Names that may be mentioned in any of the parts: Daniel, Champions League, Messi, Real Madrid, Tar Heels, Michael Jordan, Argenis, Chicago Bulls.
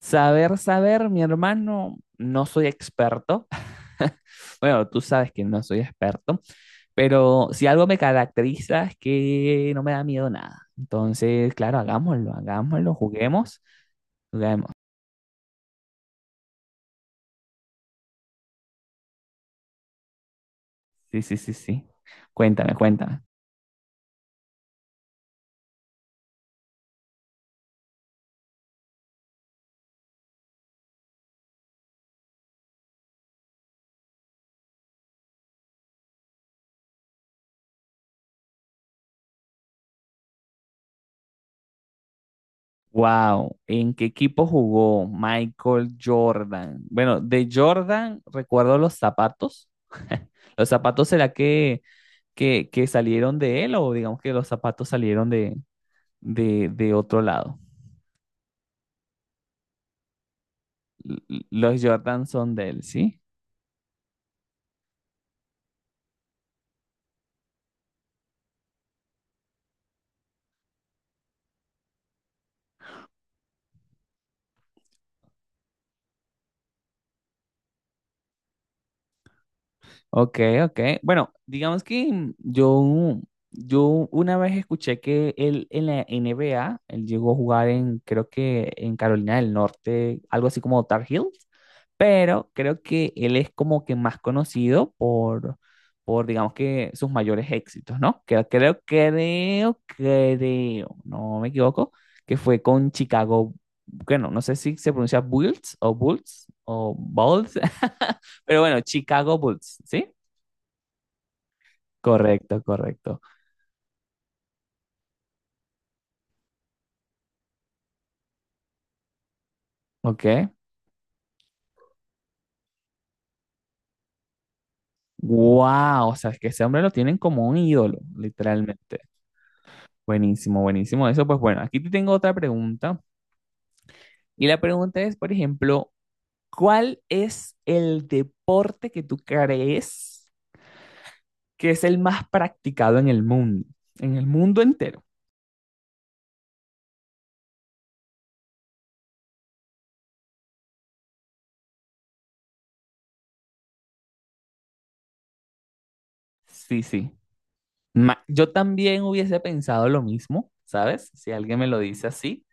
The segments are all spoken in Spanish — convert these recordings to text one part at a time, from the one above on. Saber, saber, mi hermano, no soy experto. Bueno, tú sabes que no soy experto, pero si algo me caracteriza es que no me da miedo nada. Entonces, claro, hagámoslo, hagámoslo, juguemos, juguemos. Sí, sí, sí, sí. Cuéntame, cuéntame. Wow, ¿en qué equipo jugó Michael Jordan? Bueno, de Jordan recuerdo los zapatos. ¿Los zapatos será que salieron de él o digamos que los zapatos salieron de otro lado. Los Jordan son de él, ¿sí? Ok, ok. Bueno, digamos que yo una vez escuché que él en la NBA, él llegó a jugar en, creo que en Carolina del Norte, algo así como Tar Heels, pero creo que él es como que más conocido por digamos que sus mayores éxitos, ¿no? Creo, no me equivoco, que fue con Chicago. Bueno, no sé si se pronuncia Bulls o Bulls o Bulls, pero bueno, Chicago Bulls, ¿sí? Correcto, correcto. Ok. Wow, o sea, es que ese hombre lo tienen como un ídolo, literalmente. Buenísimo, buenísimo. Eso, pues bueno, aquí te tengo otra pregunta. Y la pregunta es, por ejemplo, ¿cuál es el deporte que tú crees que es el más practicado en el mundo? En el mundo entero. Sí, sí. Yo también hubiese pensado lo mismo, ¿sabes? Si alguien me lo dice así,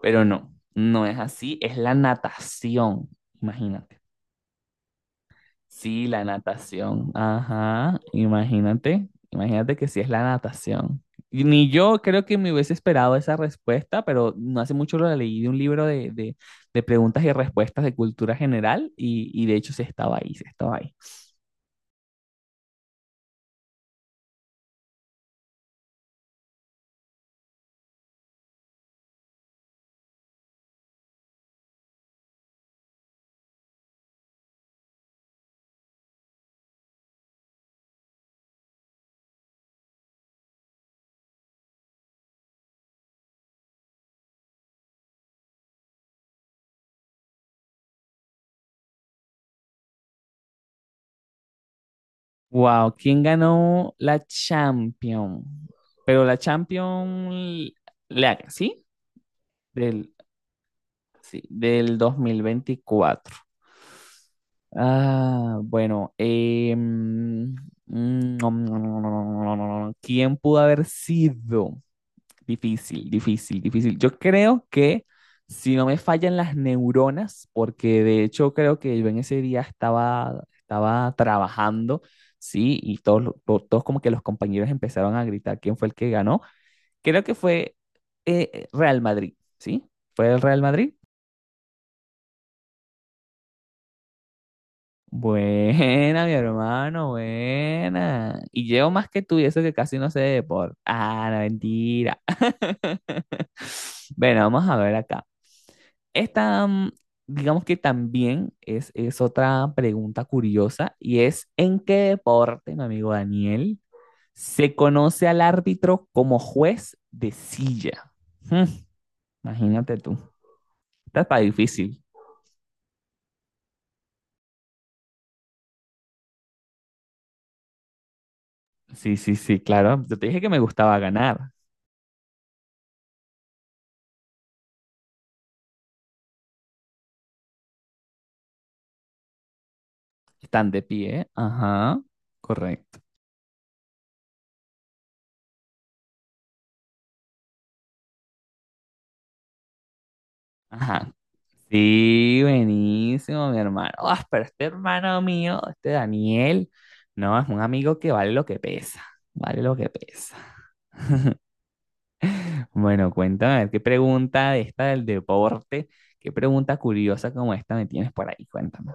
pero no, no es así, es la natación, imagínate. Sí, la natación. Ajá, imagínate, imagínate que sí es la natación. Y ni yo creo que me hubiese esperado esa respuesta, pero no hace mucho lo leí de un libro de preguntas y respuestas de cultura general y de hecho se estaba ahí, se estaba ahí. Wow, ¿quién ganó la Champions? Pero la Champions League, ¿sí? Del, Sí, del 2024. Ah, bueno, mm, ¿quién pudo haber sido? Difícil, difícil, difícil. Yo creo que si no me fallan las neuronas, porque de hecho creo que yo en ese día estaba trabajando, sí, y todos, todos como que los compañeros empezaron a gritar quién fue el que ganó. Creo que fue Real Madrid, ¿sí? Fue el Real Madrid. Buena, mi hermano, buena. Y llevo más que tú y eso que casi no sé de deporte. Ah, la mentira. Bueno, vamos a ver acá. Esta, digamos que también es otra pregunta curiosa y es, ¿en qué deporte, mi amigo Daniel, se conoce al árbitro como juez de silla? Hmm, imagínate tú. Esta está difícil. Sí, sí, sí, claro. Yo te dije que me gustaba ganar. Están de pie. Ajá, correcto. Ajá, sí, buenísimo, mi hermano. Ah, pero este hermano mío, este Daniel, no, es un amigo que vale lo que pesa, vale lo que pesa. Bueno, cuéntame, a ver, qué pregunta de esta del deporte, qué pregunta curiosa como esta me tienes por ahí, cuéntame.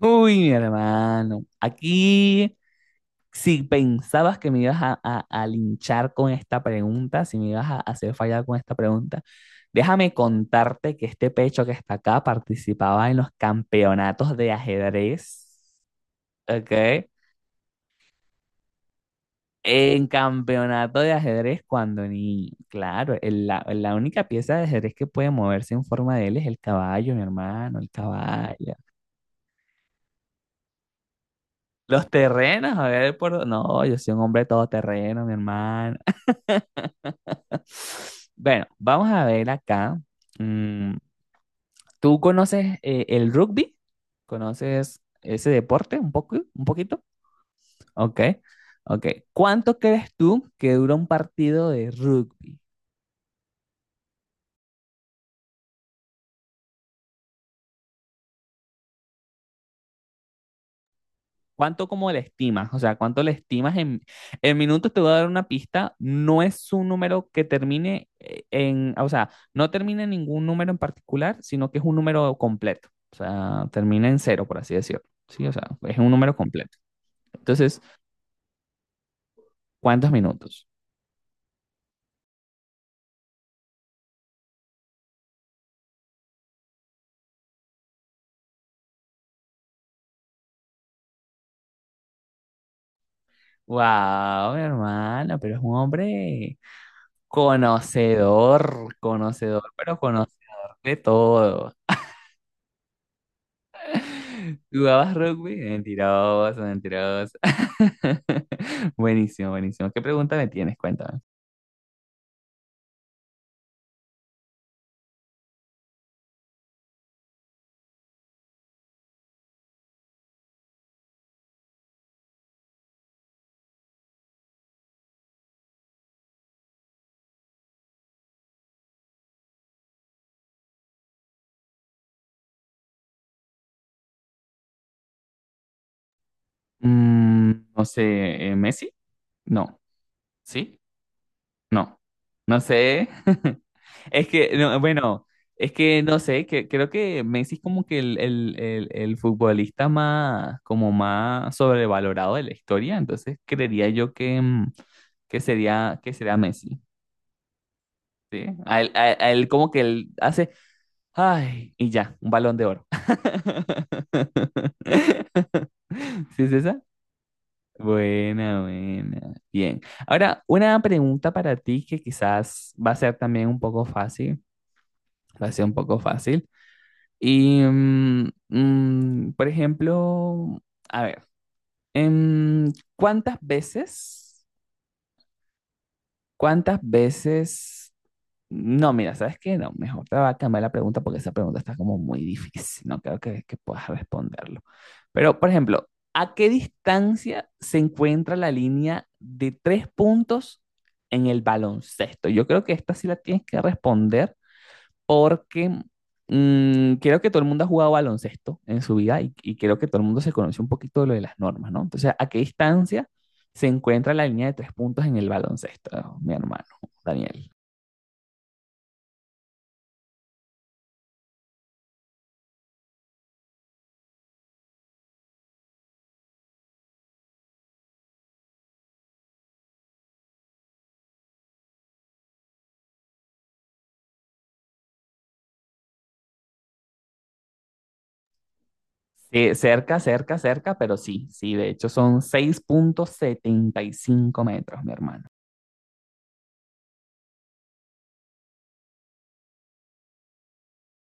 Uy, mi hermano, aquí si pensabas que me ibas a linchar con esta pregunta, si me ibas a hacer fallar con esta pregunta, déjame contarte que este pecho que está acá participaba en los campeonatos de ajedrez, ¿ok? En campeonato de ajedrez cuando ni, claro, la única pieza de ajedrez que puede moverse en forma de L es el caballo, mi hermano, el caballo. Los terrenos, a ver no, yo soy un hombre todoterreno, mi hermano. Bueno, vamos a ver acá. Mm, ¿Tú conoces el rugby? ¿Conoces ese deporte un poco, un poquito? Ok, ok. ¿Cuánto crees tú que dura un partido de rugby? ¿Cuánto como le estimas? O sea, ¿cuánto le estimas en minutos? Te voy a dar una pista. No es un número que termine o sea, no termina en ningún número en particular, sino que es un número completo. O sea, termina en cero, por así decirlo. Sí, o sea, es un número completo. Entonces, ¿cuántos minutos? Wow, mi hermano, pero es un hombre conocedor, conocedor, pero conocedor de todo. ¿Jugabas rugby? Mentiroso, mentiroso. Buenísimo, buenísimo. ¿Qué pregunta me tienes? Cuéntame. No sé, ¿Messi? No, ¿sí? No, no sé. Es que, no, bueno, es que no sé, que creo que Messi es como que el futbolista más, como más sobrevalorado de la historia, entonces creería yo que, que sería Messi, ¿sí? A él como que él hace, ay, y ya, un balón de oro. ¿Sí es esa? Buena, buena. Bien. Ahora, una pregunta para ti que quizás va a ser también un poco fácil, va a ser un poco fácil. Y, por ejemplo, a ver, em, ¿cuántas veces, cuántas veces no, mira, ¿sabes qué? No, mejor te va a cambiar la pregunta porque esa pregunta está como muy difícil. No creo que puedas responderlo. Pero, por ejemplo, ¿a qué distancia se encuentra la línea de tres puntos en el baloncesto? Yo creo que esta sí la tienes que responder porque creo que todo el mundo ha jugado baloncesto en su vida y creo que todo el mundo se conoce un poquito de lo de las normas, ¿no? Entonces, ¿a qué distancia se encuentra la línea de tres puntos en el baloncesto, mi hermano Daniel? Sí, cerca, cerca, cerca, pero sí, sí, de hecho son 6,75 metros, mi hermano.